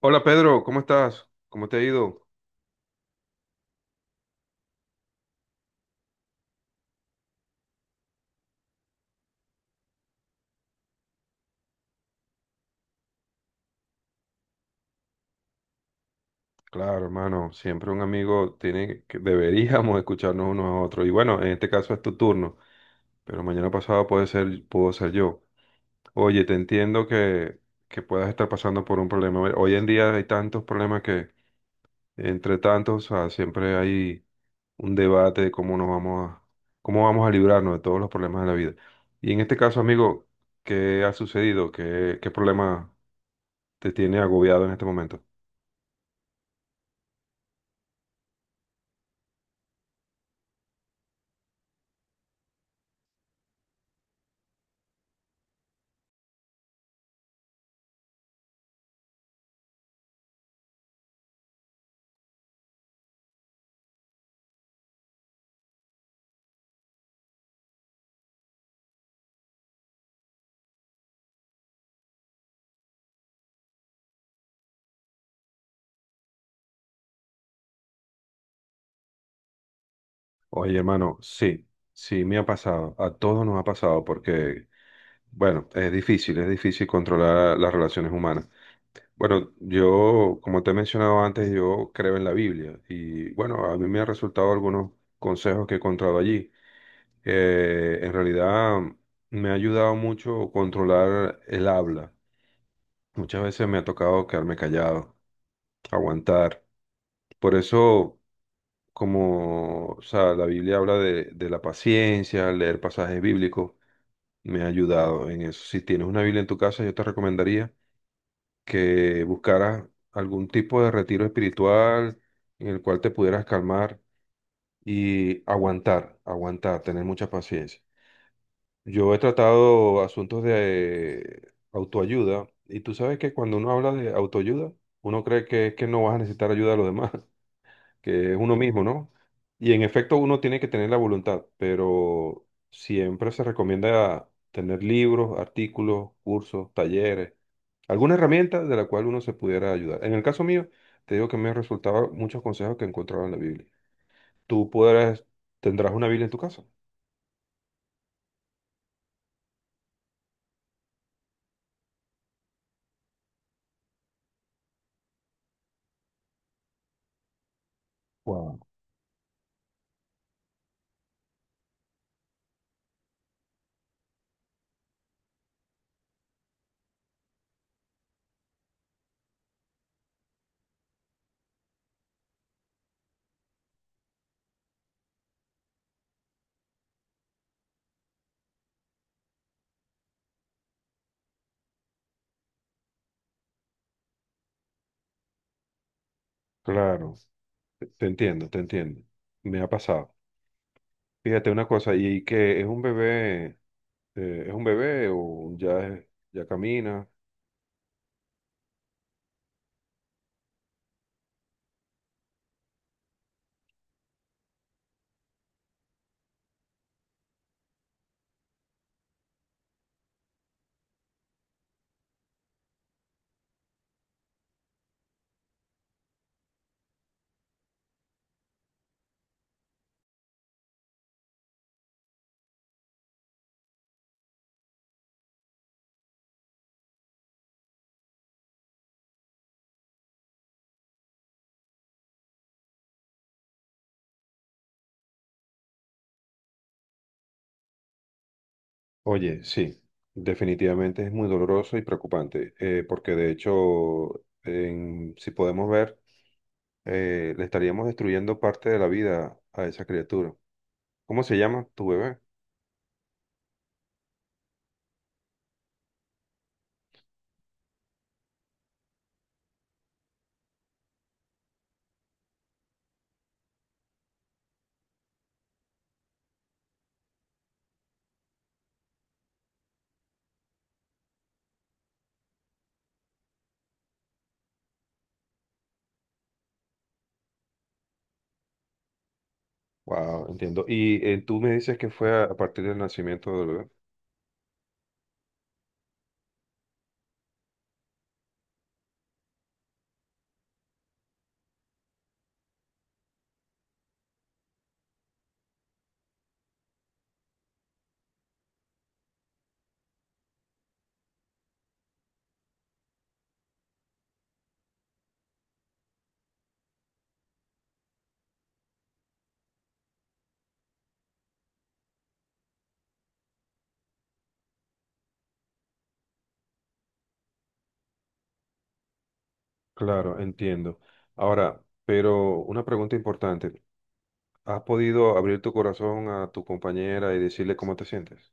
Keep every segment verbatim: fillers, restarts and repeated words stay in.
Hola Pedro, ¿cómo estás? ¿Cómo te ha ido? Claro, hermano, siempre un amigo tiene que deberíamos escucharnos unos a otros. Y bueno, en este caso es tu turno, pero mañana pasado puede ser, puedo ser yo. Oye, te entiendo que, que puedas estar pasando por un problema. Bueno, hoy en día hay tantos problemas que, entre tantos, o sea, siempre hay un debate de cómo nos vamos a, cómo vamos a librarnos de todos los problemas de la vida. Y en este caso, amigo, ¿qué ha sucedido? ¿Qué, qué problema te tiene agobiado en este momento? Oye, hermano, sí, sí me ha pasado, a todos nos ha pasado porque, bueno, es difícil, es difícil controlar las relaciones humanas. Bueno, yo, como te he mencionado antes, yo creo en la Biblia y, bueno, a mí me han resultado algunos consejos que he encontrado allí. Eh, en realidad me ha ayudado mucho controlar el habla. Muchas veces me ha tocado quedarme callado, aguantar. Por eso como, o sea, la Biblia habla de, de la paciencia, leer pasajes bíblicos, me ha ayudado en eso. Si tienes una Biblia en tu casa, yo te recomendaría que buscaras algún tipo de retiro espiritual en el cual te pudieras calmar y aguantar, aguantar, tener mucha paciencia. Yo he tratado asuntos de autoayuda y tú sabes que cuando uno habla de autoayuda, uno cree que es que no vas a necesitar ayuda de los demás. Que es uno mismo, ¿no? Y en efecto uno tiene que tener la voluntad, pero siempre se recomienda tener libros, artículos, cursos, talleres, alguna herramienta de la cual uno se pudiera ayudar. En el caso mío, te digo que me resultaban muchos consejos que encontraba en la Biblia. Tú podrás, tendrás una Biblia en tu casa. Wow. Claro, te te entiendo, te entiendo. Me ha pasado. Fíjate una cosa, y que es un bebé, eh, es un bebé o ya, es- ya camina. Oye, sí, definitivamente es muy doloroso y preocupante, eh, porque de hecho, en- si podemos ver, eh, le estaríamos destruyendo parte de la vida a esa criatura. ¿Cómo se llama tu bebé? Wow, entiendo. Y eh, tú me dices que fue a, a partir del nacimiento del bebé. Claro, entiendo. Ahora, pero una pregunta importante. ¿Has podido abrir tu corazón a tu compañera y decirle cómo te sientes?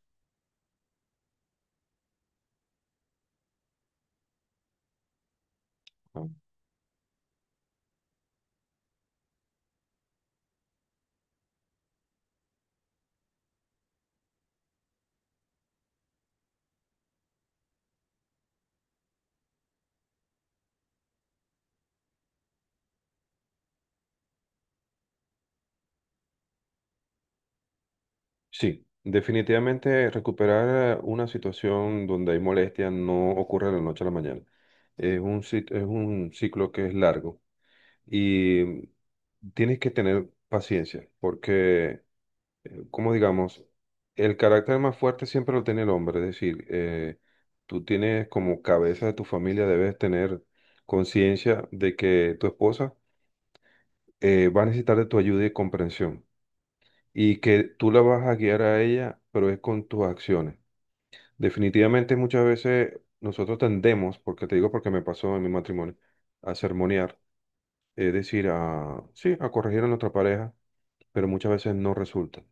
Sí, definitivamente recuperar una situación donde hay molestia no ocurre de la noche a la mañana. Es un, cit- es un ciclo que es largo y tienes que tener paciencia porque, como digamos, el carácter más fuerte siempre lo tiene el hombre. Es decir, eh, tú tienes como cabeza de tu familia, debes tener conciencia de que tu esposa eh, va a necesitar de tu ayuda y comprensión y que tú la vas a guiar a ella, pero es con tus acciones. Definitivamente muchas veces nosotros tendemos, porque te digo porque me pasó en mi matrimonio, a sermonear, es decir, a, sí, a corregir a nuestra pareja, pero muchas veces no resulta.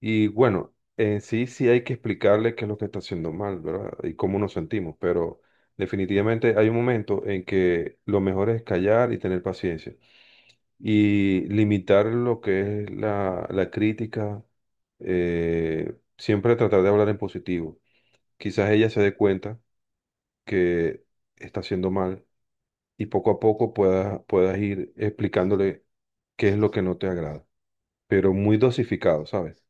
Y bueno, en sí sí hay que explicarle qué es lo que está haciendo mal, ¿verdad? Y cómo nos sentimos, pero definitivamente hay un momento en que lo mejor es callar y tener paciencia y limitar lo que es la, la crítica, eh, siempre tratar de hablar en positivo. Quizás ella se dé cuenta que está haciendo mal y poco a poco puedas, puedas ir explicándole qué es lo que no te agrada, pero muy dosificado, ¿sabes?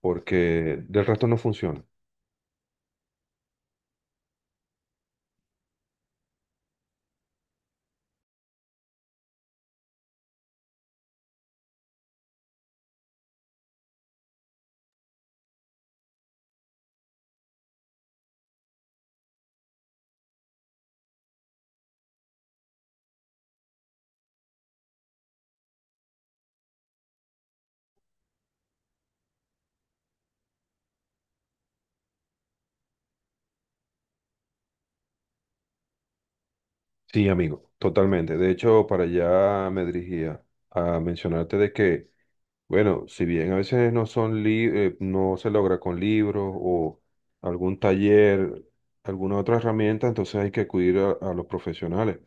Porque del resto no funciona. Sí, amigo, totalmente. De hecho, para allá me dirigía a mencionarte de que, bueno, si bien a veces no son li- eh, no se logra con libros o algún taller, alguna otra herramienta, entonces hay que acudir a a los profesionales.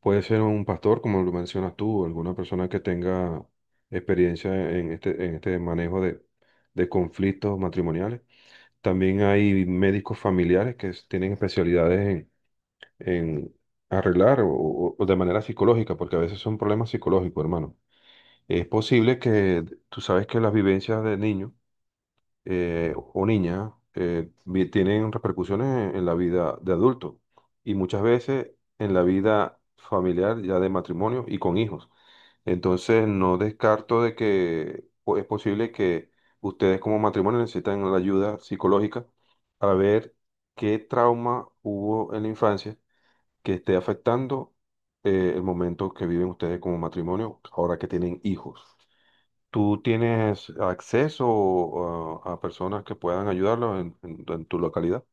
Puede ser un pastor, como lo mencionas tú, alguna persona que tenga experiencia en este, en este manejo de, de conflictos matrimoniales. También hay médicos familiares que s- tienen especialidades en, en arreglar o, o- o de manera psicológica, porque a veces son problemas psicológicos, hermano. Es posible que tú sabes que las vivencias de niños eh, o niña eh, vi- tienen repercusiones en, en la vida de adulto y muchas veces en la vida familiar ya de matrimonio y con hijos. Entonces no descarto de que po- es posible que ustedes como matrimonio necesitan la ayuda psicológica para ver qué trauma hubo en la infancia que esté afectando eh, el momento que viven ustedes como matrimonio ahora que tienen hijos. ¿Tú tienes acceso uh, a, personas que puedan ayudarlos en, en- en tu localidad?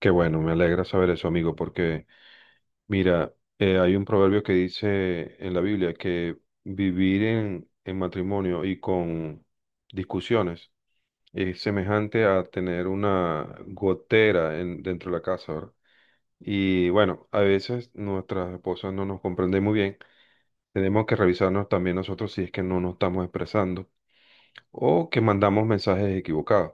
Qué bueno, me alegra saber eso, amigo, porque mira, eh, hay un proverbio que dice en la Biblia que vivir en, en matrimonio y con discusiones es semejante a tener una gotera en- dentro de la casa, ¿verdad? Y bueno, a veces nuestras esposas no nos comprenden muy bien. Tenemos que revisarnos también nosotros si es que no nos estamos expresando o que mandamos mensajes equivocados.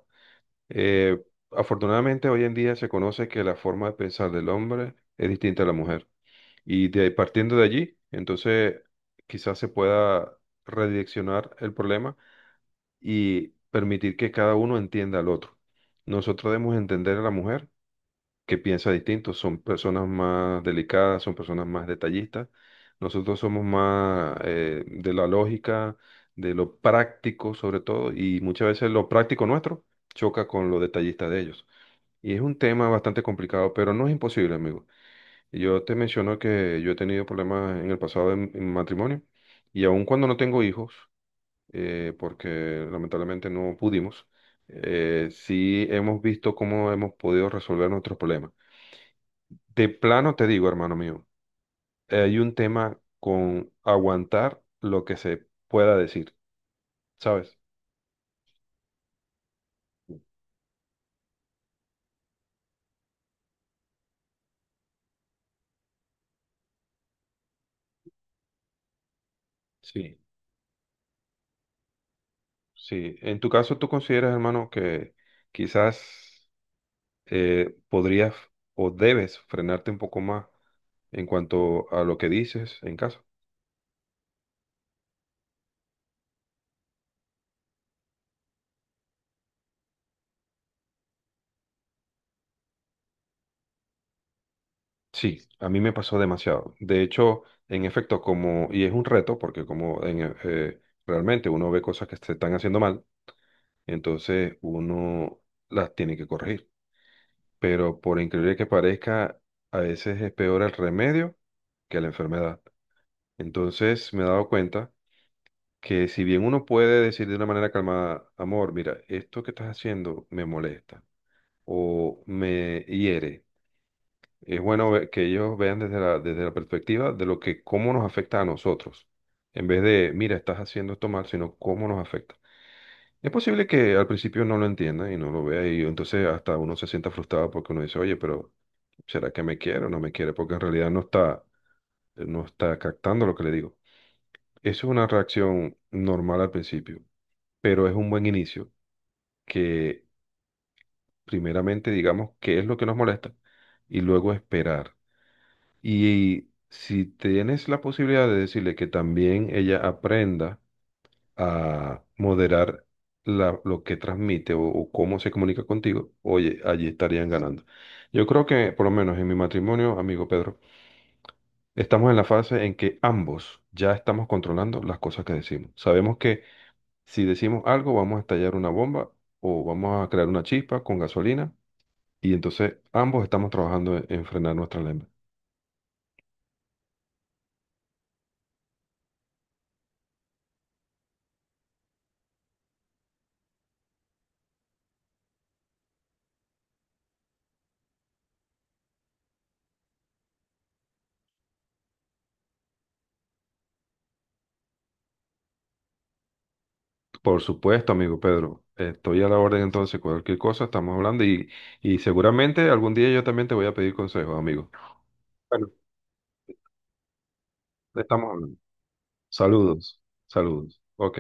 Eh, Afortunadamente, hoy en día se conoce que la forma de pensar del hombre es distinta a la mujer. Y de, ahí- partiendo de allí, entonces quizás se pueda redireccionar el problema y permitir que cada uno entienda al otro. Nosotros debemos entender a la mujer que piensa distinto, son personas más delicadas, son personas más detallistas. Nosotros somos más eh, de la lógica, de lo práctico sobre todo, y muchas veces lo práctico nuestro choca con lo detallista de ellos. Y es un tema bastante complicado, pero no es imposible, amigo. Y yo te menciono que yo he tenido problemas en el pasado en, en matrimonio, y aun cuando no tengo hijos, eh, porque lamentablemente no pudimos, eh, sí hemos visto cómo hemos podido resolver nuestros problemas. De plano te digo, hermano mío, hay un tema con aguantar lo que se pueda decir, ¿sabes? Sí. Sí, en tu caso tú consideras, hermano, que quizás eh, podrías o debes frenarte un poco más en cuanto a lo que dices en casa. Sí, a mí me pasó demasiado. De hecho, en efecto, como, y es un reto, porque como en, e- eh, realmente uno ve cosas que se están haciendo mal, entonces uno las tiene que corregir. Pero por increíble que parezca, a veces es peor el remedio que la enfermedad. Entonces me he dado cuenta que si bien uno puede decir de una manera calmada, amor, mira, esto que estás haciendo me molesta o me hiere, es bueno ve- que ellos vean desde la, desde la perspectiva de lo que, cómo nos afecta a nosotros, en vez de, mira, estás haciendo esto mal, sino cómo nos afecta. Es posible que al principio no lo entienda y no lo vea y entonces hasta uno se sienta frustrado porque uno dice, oye, pero ¿será que me quiere o no me quiere? Porque en realidad no está, no está captando lo que le digo. Eso es una reacción normal al principio, pero es un buen inicio que primeramente digamos qué es lo que nos molesta y luego esperar. Y si tienes la posibilidad de decirle que también ella aprenda a moderar la- lo que transmite o, o cómo se comunica contigo, oye, allí estarían ganando. Yo creo que, por lo menos en mi matrimonio, amigo Pedro, estamos en la fase en que ambos ya estamos controlando las cosas que decimos. Sabemos que si decimos algo, vamos a estallar una bomba o vamos a crear una chispa con gasolina y entonces ambos estamos trabajando en, en frenar nuestra lengua. Por supuesto, amigo Pedro, estoy a la orden entonces, cualquier cosa estamos hablando y, y seguramente algún día yo también te voy a pedir consejos, amigo. Bueno, estamos hablando. Saludos, saludos. Ok.